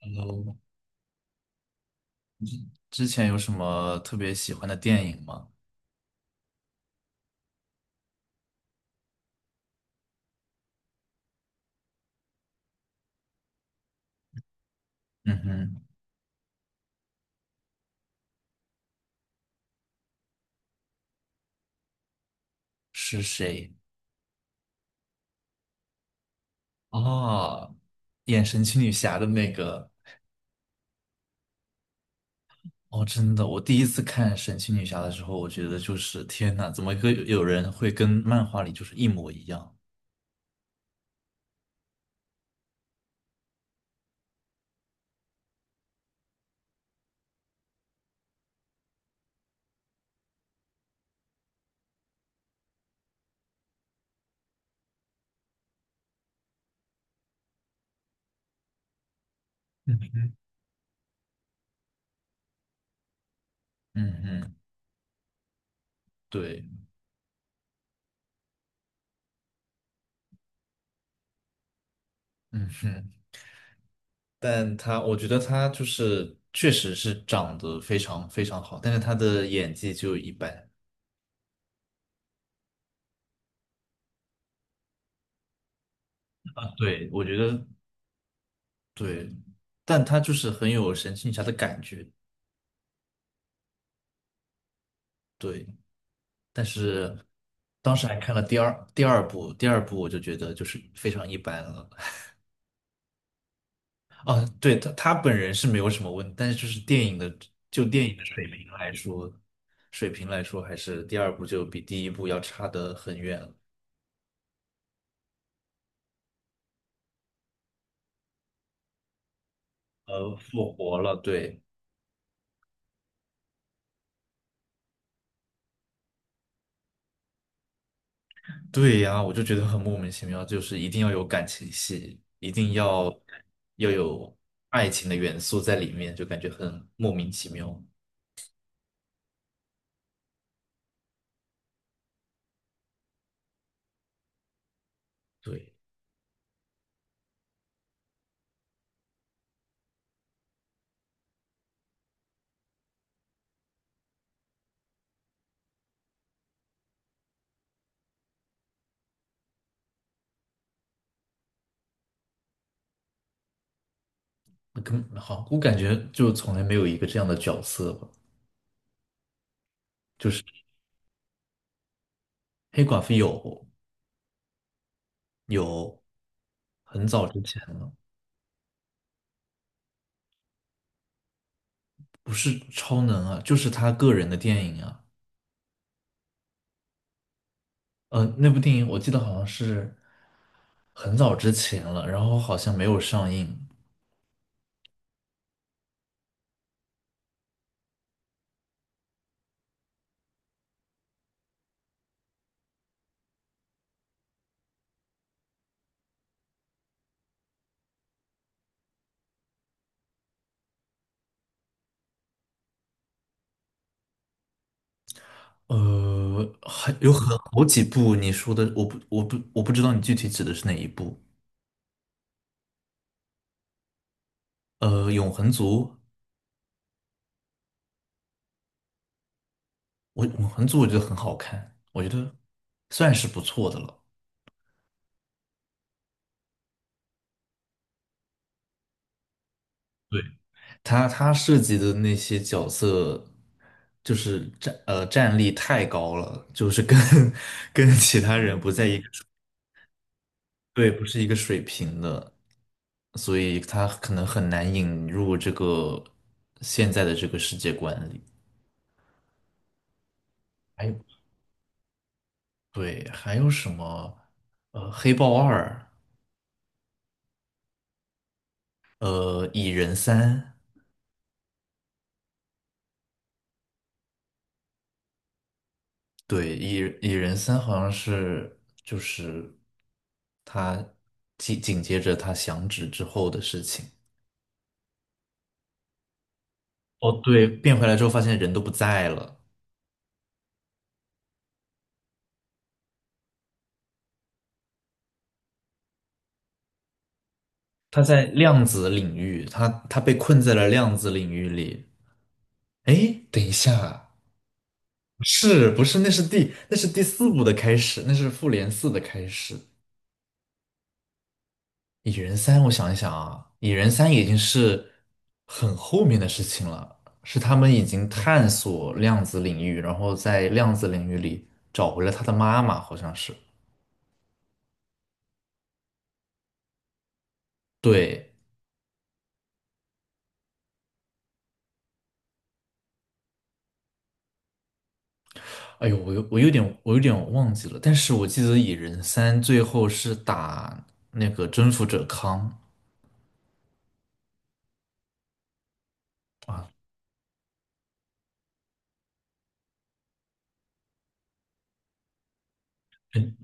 Hello，Hello，之之前有什么特别喜欢的电影吗？嗯哼，是谁？哦，演神奇女侠的那个。哦，真的，我第一次看神奇女侠的时候，我觉得就是天呐，怎么会有人会跟漫画里就是一模一样？嗯哼，嗯哼，对，嗯哼，但他，我觉得他就是确实是长得非常非常好，但是他的演技就一般。对，我觉得。对，但他就是很有神奇女侠的感觉，对。但是当时还看了第二部，第二部我就觉得就是非常一般了。啊，对，他本人是没有什么问题，但是就是电影的就电影的水平来说还是第二部就比第一部要差得很远了。复活了，对。对呀，我就觉得很莫名其妙，就是一定要有感情戏，一定要有爱情的元素在里面，就感觉很莫名其妙。对，那根本好，我感觉就从来没有一个这样的角色吧，就是黑寡妇有很早之前了，不是超能啊，就是他个人的电影啊，那部电影我记得好像是很早之前了，然后好像没有上映。还有很好几部你说的，我不知道你具体指的是哪一部。呃，《永恒族》，我《永恒族》我觉得很好看，我觉得算是不错的了。对，他设计的那些角色，就是战力太高了，就是跟 跟其他人不在一个对，不是一个水平的，所以他可能很难引入这个现在的这个世界观里。还有，对，还有什么？黑豹二，蚁人三，对，蚁人三好像是就是他紧接着他响指之后的事情。哦，对，变回来之后发现人都不在了，他在量子领域，他被困在了量子领域里。哎，等一下，是不是，那是第四部的开始，那是复联四的开始。蚁人三，我想一想啊，蚁人三已经是很后面的事情了，是他们已经探索量子领域，然后在量子领域里找回了他的妈妈，好像是。对，哎呦，我有点忘记了，但是我记得蚁人三最后是打那个征服者康，嗯，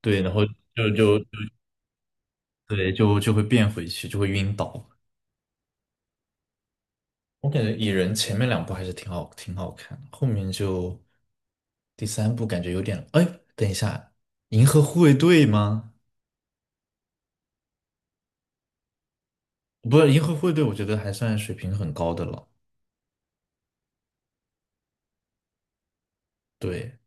对，然后就就对就会变回去，就会晕倒。我感觉蚁人前面两部还是挺好看的，后面就第三部感觉有点。哎，等一下，银河护卫队吗？不是，银河护卫队，我觉得还算水平很高的了。对，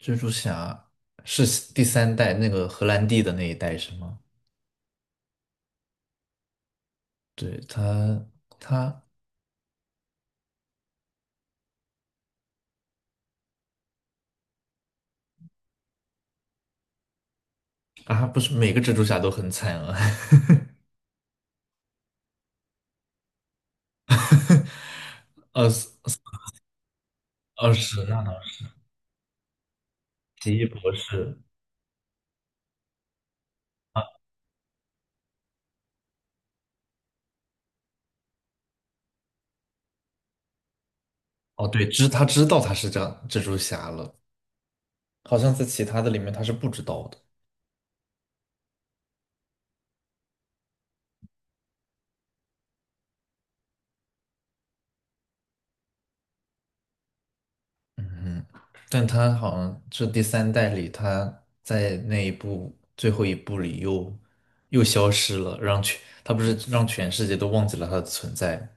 蜘蛛侠是第三代那个荷兰弟的那一代是吗？对，他他啊，不是每个蜘蛛侠都很惨啊，二十二十那倒是奇异博士，哦，对，知道他是这样蜘蛛侠了。好像在其他的里面他是不知道的，嗯哼，但他好像这第三代里，他在那一部最后一部里又消失了，他不是让全世界都忘记了他的存在。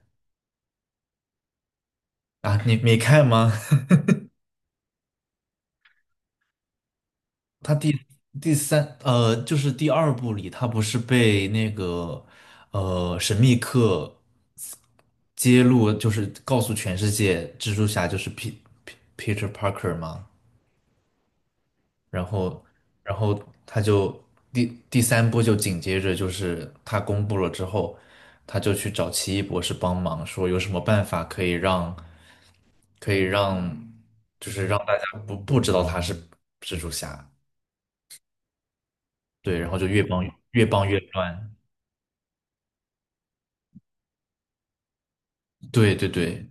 啊？你没看吗？他第第三呃，就是第二部里，他不是被那个神秘客揭露，就是告诉全世界蜘蛛侠就是 Peter Parker 吗？然后，然后他就第三部就紧接着就是他公布了之后，他就去找奇异博士帮忙，说有什么办法可以让可以让就是让大家不知道他是蜘蛛侠，对，然后就越帮越乱，对对对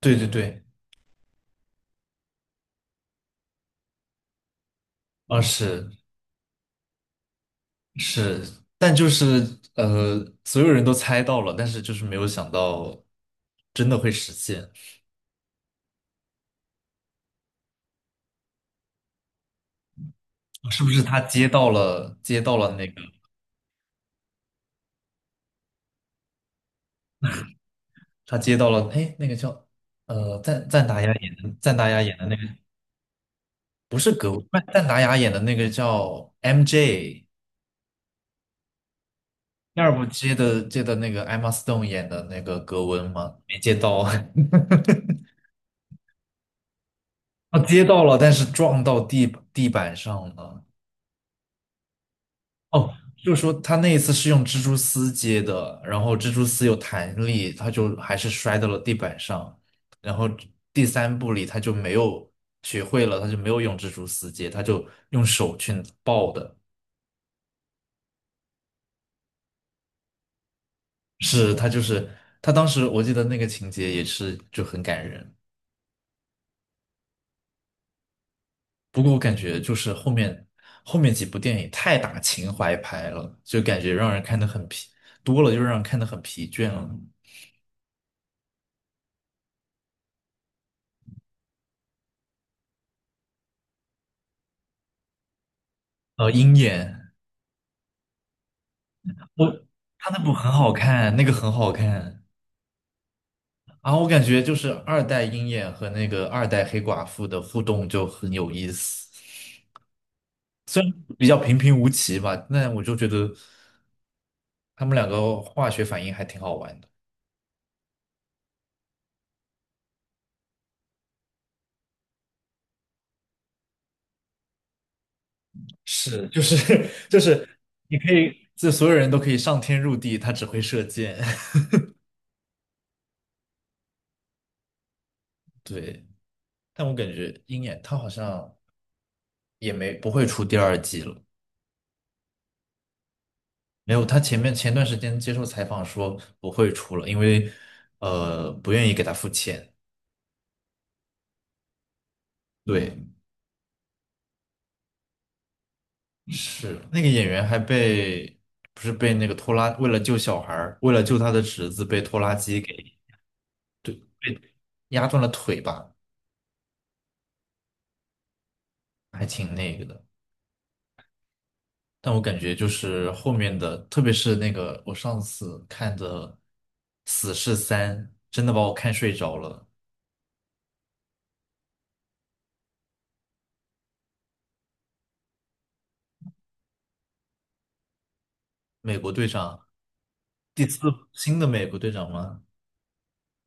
对对对，啊是是，但就是所有人都猜到了，但是就是没有想到真的会实现，啊是不是他接到了那个？他接到了，哎，那个叫赞达亚演的那个不是不是赞达亚演的那个叫 MJ，第二部接的那个 Emma Stone 演的那个格温吗？没接到，他接到了，但是撞到地板上了。哦，就是说他那一次是用蜘蛛丝接的，然后蜘蛛丝有弹力，他就还是摔到了地板上。然后第三部里他就没有学会了，他就没有用蜘蛛丝接，他就用手去抱的。是他就是他当时我记得那个情节也是就很感人。不过我感觉就是后面几部电影太打情怀牌了，就感觉让人看得很疲，多了就让人看得很疲倦了。鹰眼。我他那部很好看，那个很好看啊！我感觉就是二代鹰眼和那个二代黑寡妇的互动就很有意思，虽然比较平平无奇吧，但我就觉得他们两个化学反应还挺好玩的。是，就是 就是你可以，这所有人都可以上天入地，他只会射箭。对，但我感觉鹰眼他好像也没不会出第二季了。没有，他前段时间接受采访说不会出了，因为不愿意给他付钱。对，是那个演员不是被那个拖拉，为了救他的侄子，被拖拉机给，对，被压断了腿吧，还挺那个的。但我感觉就是后面的，特别是那个我上次看的《死侍三》，真的把我看睡着了。美国队长第四新的美国队长吗？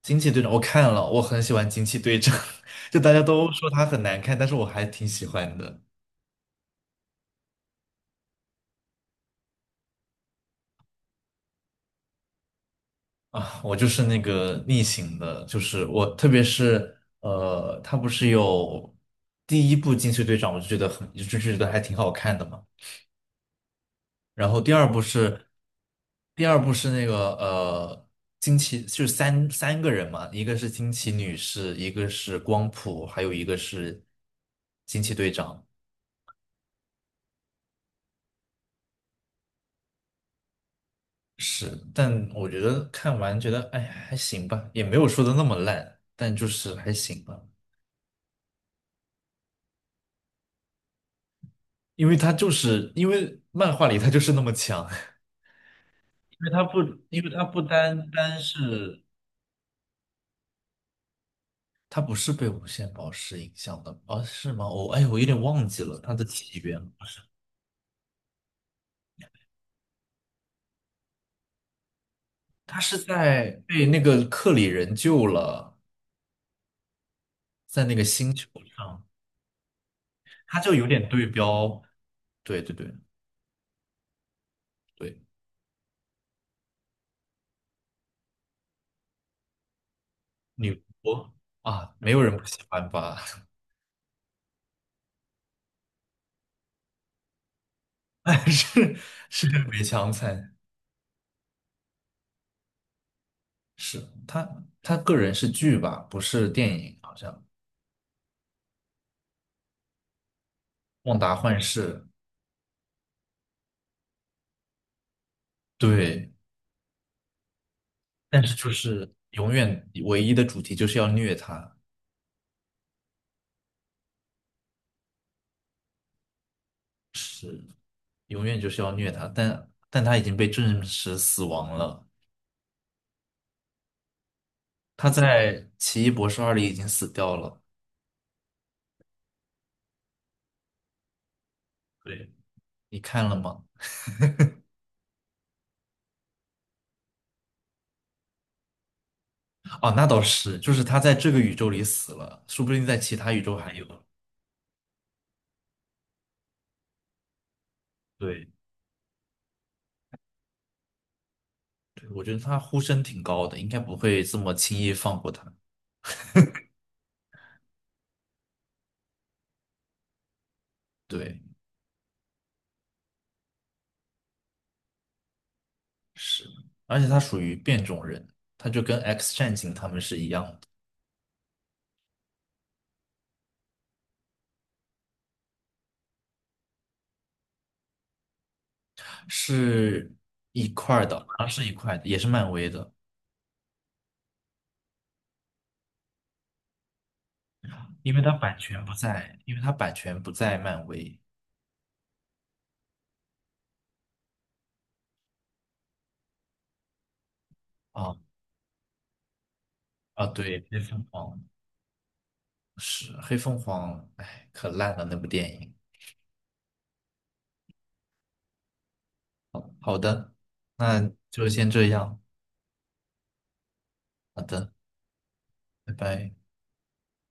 惊奇队长我看了，我很喜欢惊奇队长，就大家都说他很难看，但是我还挺喜欢的啊。我就是那个逆行的，就是我，特别是他不是有第一部惊奇队长，我就觉得就觉得还挺好看的嘛。然后第二部是那个惊奇就是三个人嘛，一个是惊奇女士，一个是光谱，还有一个是惊奇队长。是，但我觉得看完觉得，哎，还行吧，也没有说的那么烂，但就是还行吧。因为它就是因为漫画里它就是那么强，因为它不，因为它不单单是它不是被无限宝石影响的，哦，是吗？哎，我有点忘记了它的起源，它是在被那个克里人救了，在那个星球上，它就有点对标，对对对对，女国啊，没有人不喜欢吧？是是梅强惨，是，他个人是剧吧，不是电影，好像《旺达幻视》对，但是就是永远唯一的主题就是要虐他，是永远就是要虐他，但他已经被证实死亡了，他在《奇异博士二》里已经死掉了，对，你看了吗？哦，那倒是，就是他在这个宇宙里死了，说不定在其他宇宙还有，对，对，我觉得他呼声挺高的，应该不会这么轻易放过他。对，是，而且他属于变种人，他就跟 X 战警他们是一样的，是一块儿的，好像是一块的，也是漫威的，因为他版权不在漫威。啊啊，对，黑凤凰是黑凤凰，哎，可烂了那部电影。好的，那就先这样，好的，拜拜。